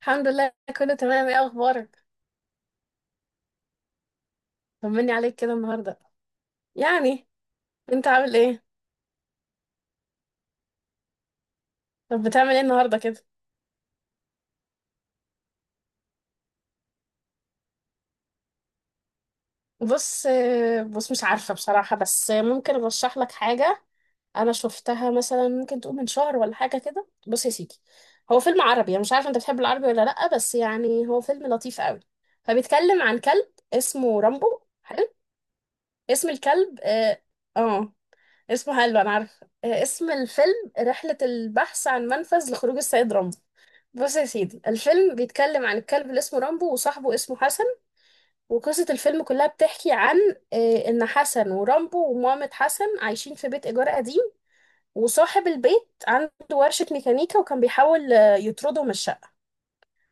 الحمد لله. كله تمام، ايه اخبارك؟ طمني عليك كده النهارده. يعني انت عامل ايه؟ طب بتعمل ايه النهارده كده؟ بص، مش عارفه بصراحه، بس ممكن ارشح لك حاجه. انا شفتها مثلا، ممكن تقول من شهر ولا حاجه كده. بص يا سيدي، هو فيلم عربي، انا مش عارفه انت بتحب العربي ولا لا، بس يعني هو فيلم لطيف قوي. فبيتكلم عن كلب اسمه رامبو. حلو. اسم الكلب آه. اسمه حلو انا عارفه. اسم الفيلم رحله البحث عن منفذ لخروج السيد رامبو. بص يا سيدي، الفيلم بيتكلم عن الكلب اللي اسمه رامبو، وصاحبه اسمه حسن، وقصة الفيلم كلها بتحكي عن إن حسن ورامبو ومامة حسن عايشين في بيت إيجار قديم، وصاحب البيت عنده ورشة ميكانيكا، وكان بيحاول يطرده من الشقة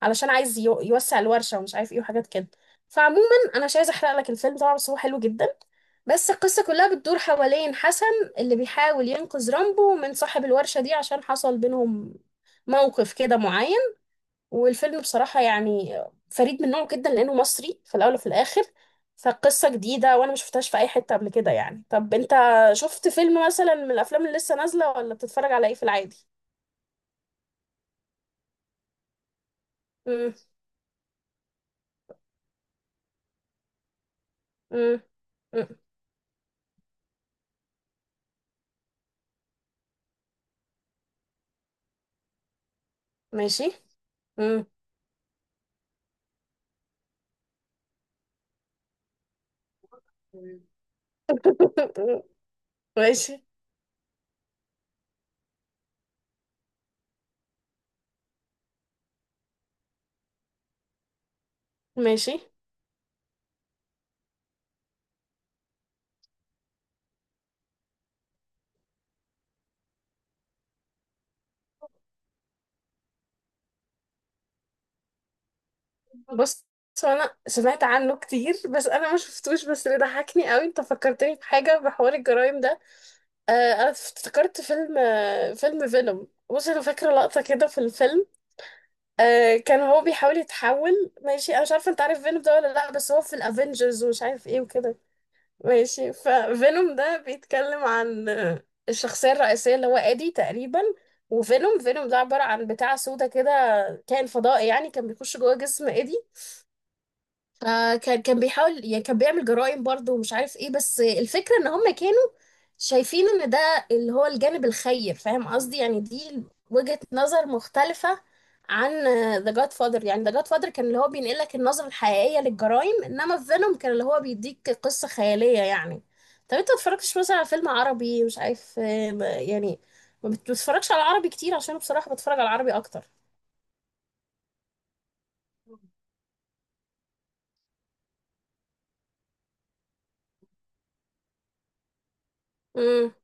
علشان عايز يوسع الورشة ومش عارف إيه وحاجات كده. فعموما أنا مش عايزة أحرق لك الفيلم طبعا، بس هو حلو جدا. بس القصة كلها بتدور حوالين حسن اللي بيحاول ينقذ رامبو من صاحب الورشة دي، عشان حصل بينهم موقف كده معين. والفيلم بصراحة يعني فريد من نوعه جدا، لأنه مصري في الأول وفي الآخر. فقصة جديدة، وأنا ما شفتهاش في أي حتة قبل كده. يعني طب أنت شفت فيلم مثلا من الأفلام اللي لسه نازلة، ولا بتتفرج على إيه في العادي؟ مم. مم. مم. ماشي. مم. ماشي. ماشي. بص، هو أنا سمعت عنه كتير بس أنا ما شفتوش، بس اللي ضحكني قوي أنت فكرتني بحاجة بحوار الجرايم ده. أنا افتكرت فيلم، فيلم فينوم. بص أنا فاكرة لقطة كده في الفيلم. كان هو بيحاول يتحول. ماشي، انا مش عارفه انت عارف فينوم ده ولا لا، بس هو في الافينجرز ومش عارف ايه وكده. ماشي، ففينوم ده بيتكلم عن الشخصيه الرئيسيه اللي هو ادي تقريبا. وفينوم ده عباره عن بتاع سودا كده، كائن فضائي، يعني كان بيخش جوه جسم ادي. فكان بيحاول، يعني كان بيعمل جرائم برضه ومش عارف ايه، بس الفكرة ان هم كانوا شايفين ان ده اللي هو الجانب الخير، فاهم قصدي؟ يعني دي وجهة نظر مختلفة عن ذا جاد فادر. يعني ذا جاد فادر كان اللي هو بينقل لك النظرة الحقيقية للجرائم، انما فينوم كان اللي هو بيديك قصة خيالية يعني. طب انت ما اتفرجتش مثلا على فيلم عربي مش عارف، يعني ما بتتفرجش على عربي كتير؟ عشان بصراحة بتفرج على العربي اكتر. امم.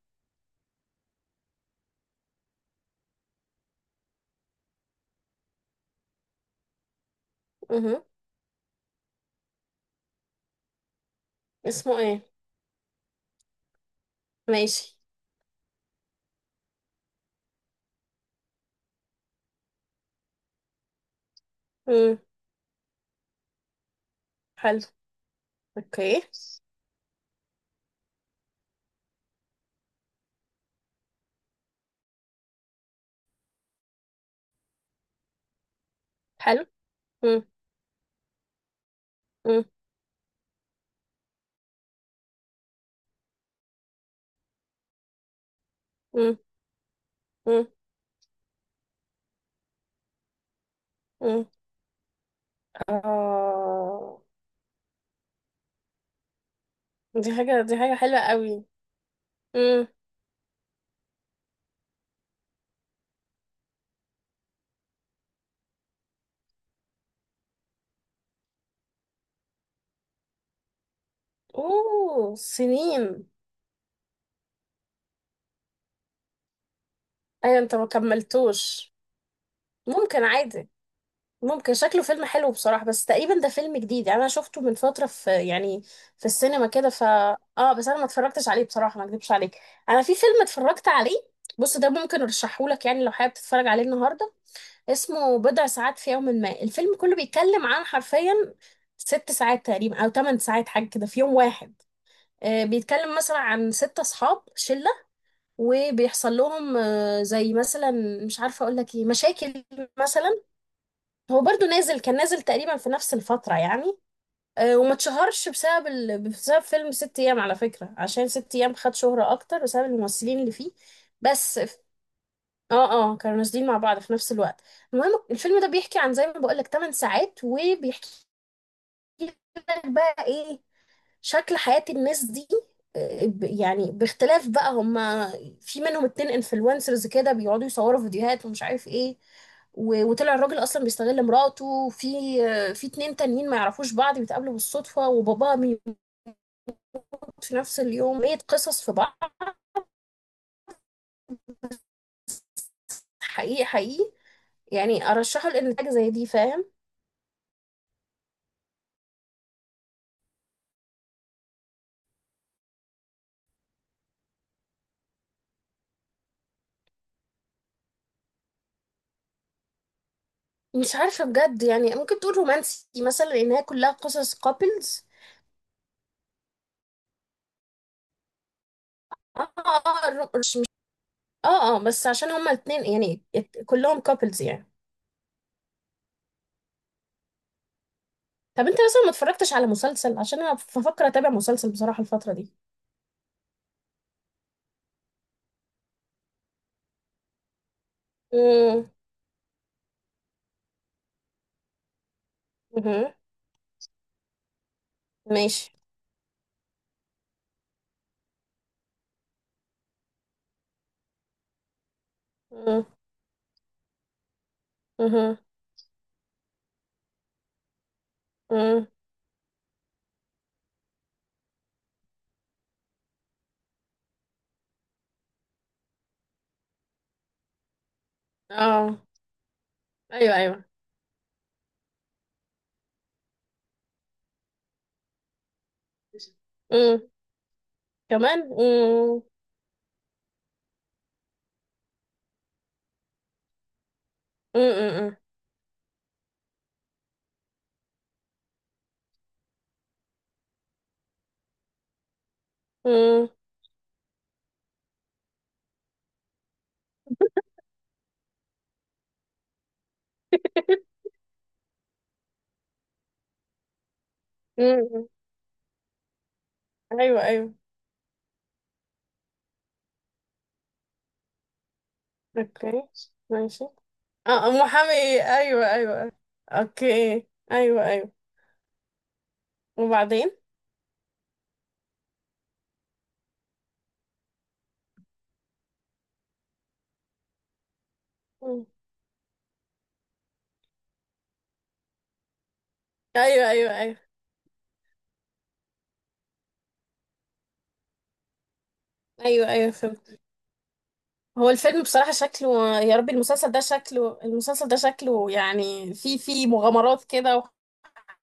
امم. اسمه ايه؟ ماشي. امم. حلو. اوكي. حلو. مم. مم. مم. مم. مم. اه، دي حاجة حلوة قوي. مم. اوه، سنين! ايوه، انت ما كملتوش؟ ممكن عادي. ممكن شكله فيلم حلو بصراحة، بس تقريبا ده فيلم جديد يعني انا شفته من فترة، في يعني في السينما كده. ف اه بس انا ما اتفرجتش عليه بصراحة، ما اكدبش عليك. انا في فيلم اتفرجت عليه، بص ده ممكن ارشحهولك يعني لو حابب تتفرج عليه النهاردة. اسمه بضع ساعات في يوم ما. الفيلم كله بيتكلم عن حرفيا 6 ساعات تقريبا او 8 ساعات حاجه كده في يوم واحد. بيتكلم مثلا عن ست اصحاب شله، وبيحصل لهم زي مثلا، مش عارفه اقول لك ايه، مشاكل مثلا. هو برضو نازل، كان نازل تقريبا في نفس الفتره يعني. وما اتشهرش بسبب بسبب فيلم 6 ايام على فكره، عشان 6 ايام خد شهره اكتر بسبب الممثلين اللي فيه بس. اه كانوا نازلين مع بعض في نفس الوقت. المهم الفيلم ده بيحكي عن زي ما بقولك 8 ساعات، وبيحكي لك بقى ايه شكل حياة الناس دي. يعني باختلاف بقى هما، في منهم اتنين انفلونسرز كده بيقعدوا يصوروا فيديوهات ومش عارف ايه، وطلع الراجل اصلا بيستغل مراته، وفي آه، في اتنين تانيين ما يعرفوش بعض بيتقابلوا بالصدفة وباباه بيموت في نفس اليوم. ايه قصص في بعض، حقيقي حقيقي. يعني ارشحه لان حاجة زي دي، فاهم؟ مش عارفة بجد، يعني ممكن تقول رومانسي مثلا لأنها كلها قصص كابلز. مش بس عشان هما الاتنين يعني كلهم كابلز يعني. طب انت مثلا ما اتفرجتش على مسلسل؟ عشان انا بفكر اتابع مسلسل بصراحة الفترة دي. امم. مهم. ماشي. امم. مهم. امم. اه. ايوه، ايوه. امم. كمان. امم. امم. امم. امم. امم. ايوه، ايوه. اوكي. ماشي. اه، محامي، ايه؟ ايوه، ايوه. أيوة. اوكي. ايوه، ايوه. وبعدين؟ مم. ايوه، ايوه، ايوه. ايوه، ايوه فهمت. هو الفيلم بصراحة شكله، يا ربي، المسلسل ده شكله يعني في مغامرات كده،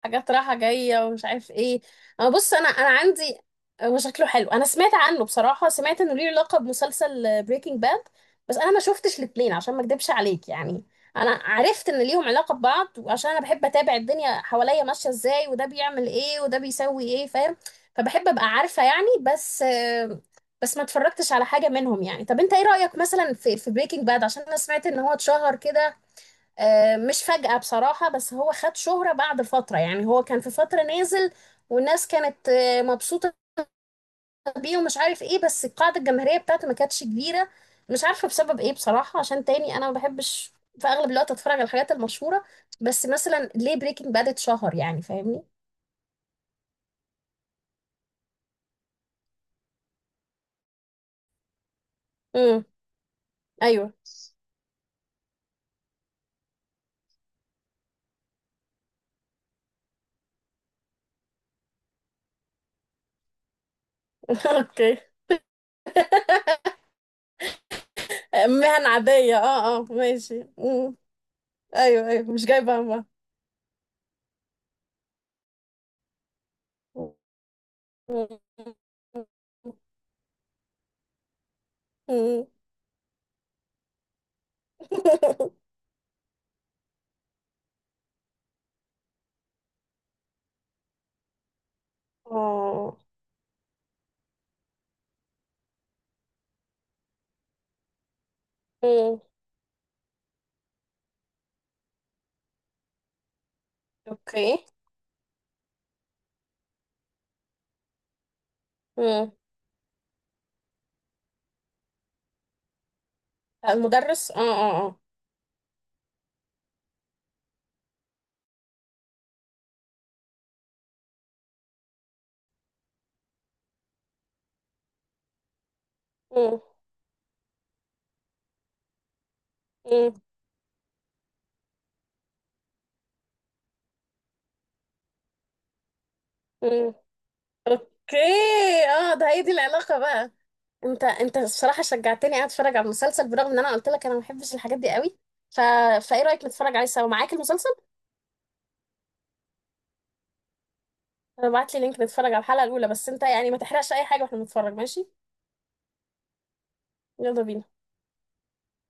حاجات رايحة جاية ومش عارف ايه. انا عندي، هو شكله حلو. انا سمعت عنه بصراحة، سمعت انه ليه لقب مسلسل بريكنج باد، بس انا ما شفتش الاتنين عشان ما اكدبش عليك يعني. انا عرفت ان ليهم علاقة ببعض، وعشان انا بحب اتابع الدنيا حواليا ماشية ازاي، وده بيعمل ايه وده بيسوي ايه، فاهم؟ فبحب ابقى عارفة يعني. بس آه، بس ما اتفرجتش على حاجة منهم يعني. طب انت ايه رأيك مثلا في بريكنج باد؟ عشان انا سمعت ان هو اتشهر كده مش فجأة بصراحة، بس هو خد شهرة بعد فترة يعني. هو كان في فترة نازل والناس كانت مبسوطة بيه ومش عارف ايه، بس القاعدة الجماهيرية بتاعته ما كانتش كبيرة. مش عارفة بسبب ايه بصراحة، عشان تاني انا ما بحبش في اغلب الوقت اتفرج على الحاجات المشهورة. بس مثلا ليه بريكنج باد اتشهر يعني، فاهمني؟ امم. ايوه. اوكي. مهن عادية، اه اه، ماشي. مم. ايوه، ايوه، مش جايبة همها. مم. مم. اه. مم. اوكي. مم. المدرس، اه اه اه. مم. مم. مم. اوكي. اه، هي دي العلاقة بقى. انت الصراحة شجعتني قاعد اتفرج على المسلسل، برغم ان انا قلت لك انا ما بحبش الحاجات دي قوي. ف... فايه رأيك نتفرج عليه سوا معاك المسلسل؟ ابعت لي لينك نتفرج على الحلقة الاولى، بس انت يعني ما تحرقش اي حاجة واحنا بنتفرج، ماشي؟ يلا بينا.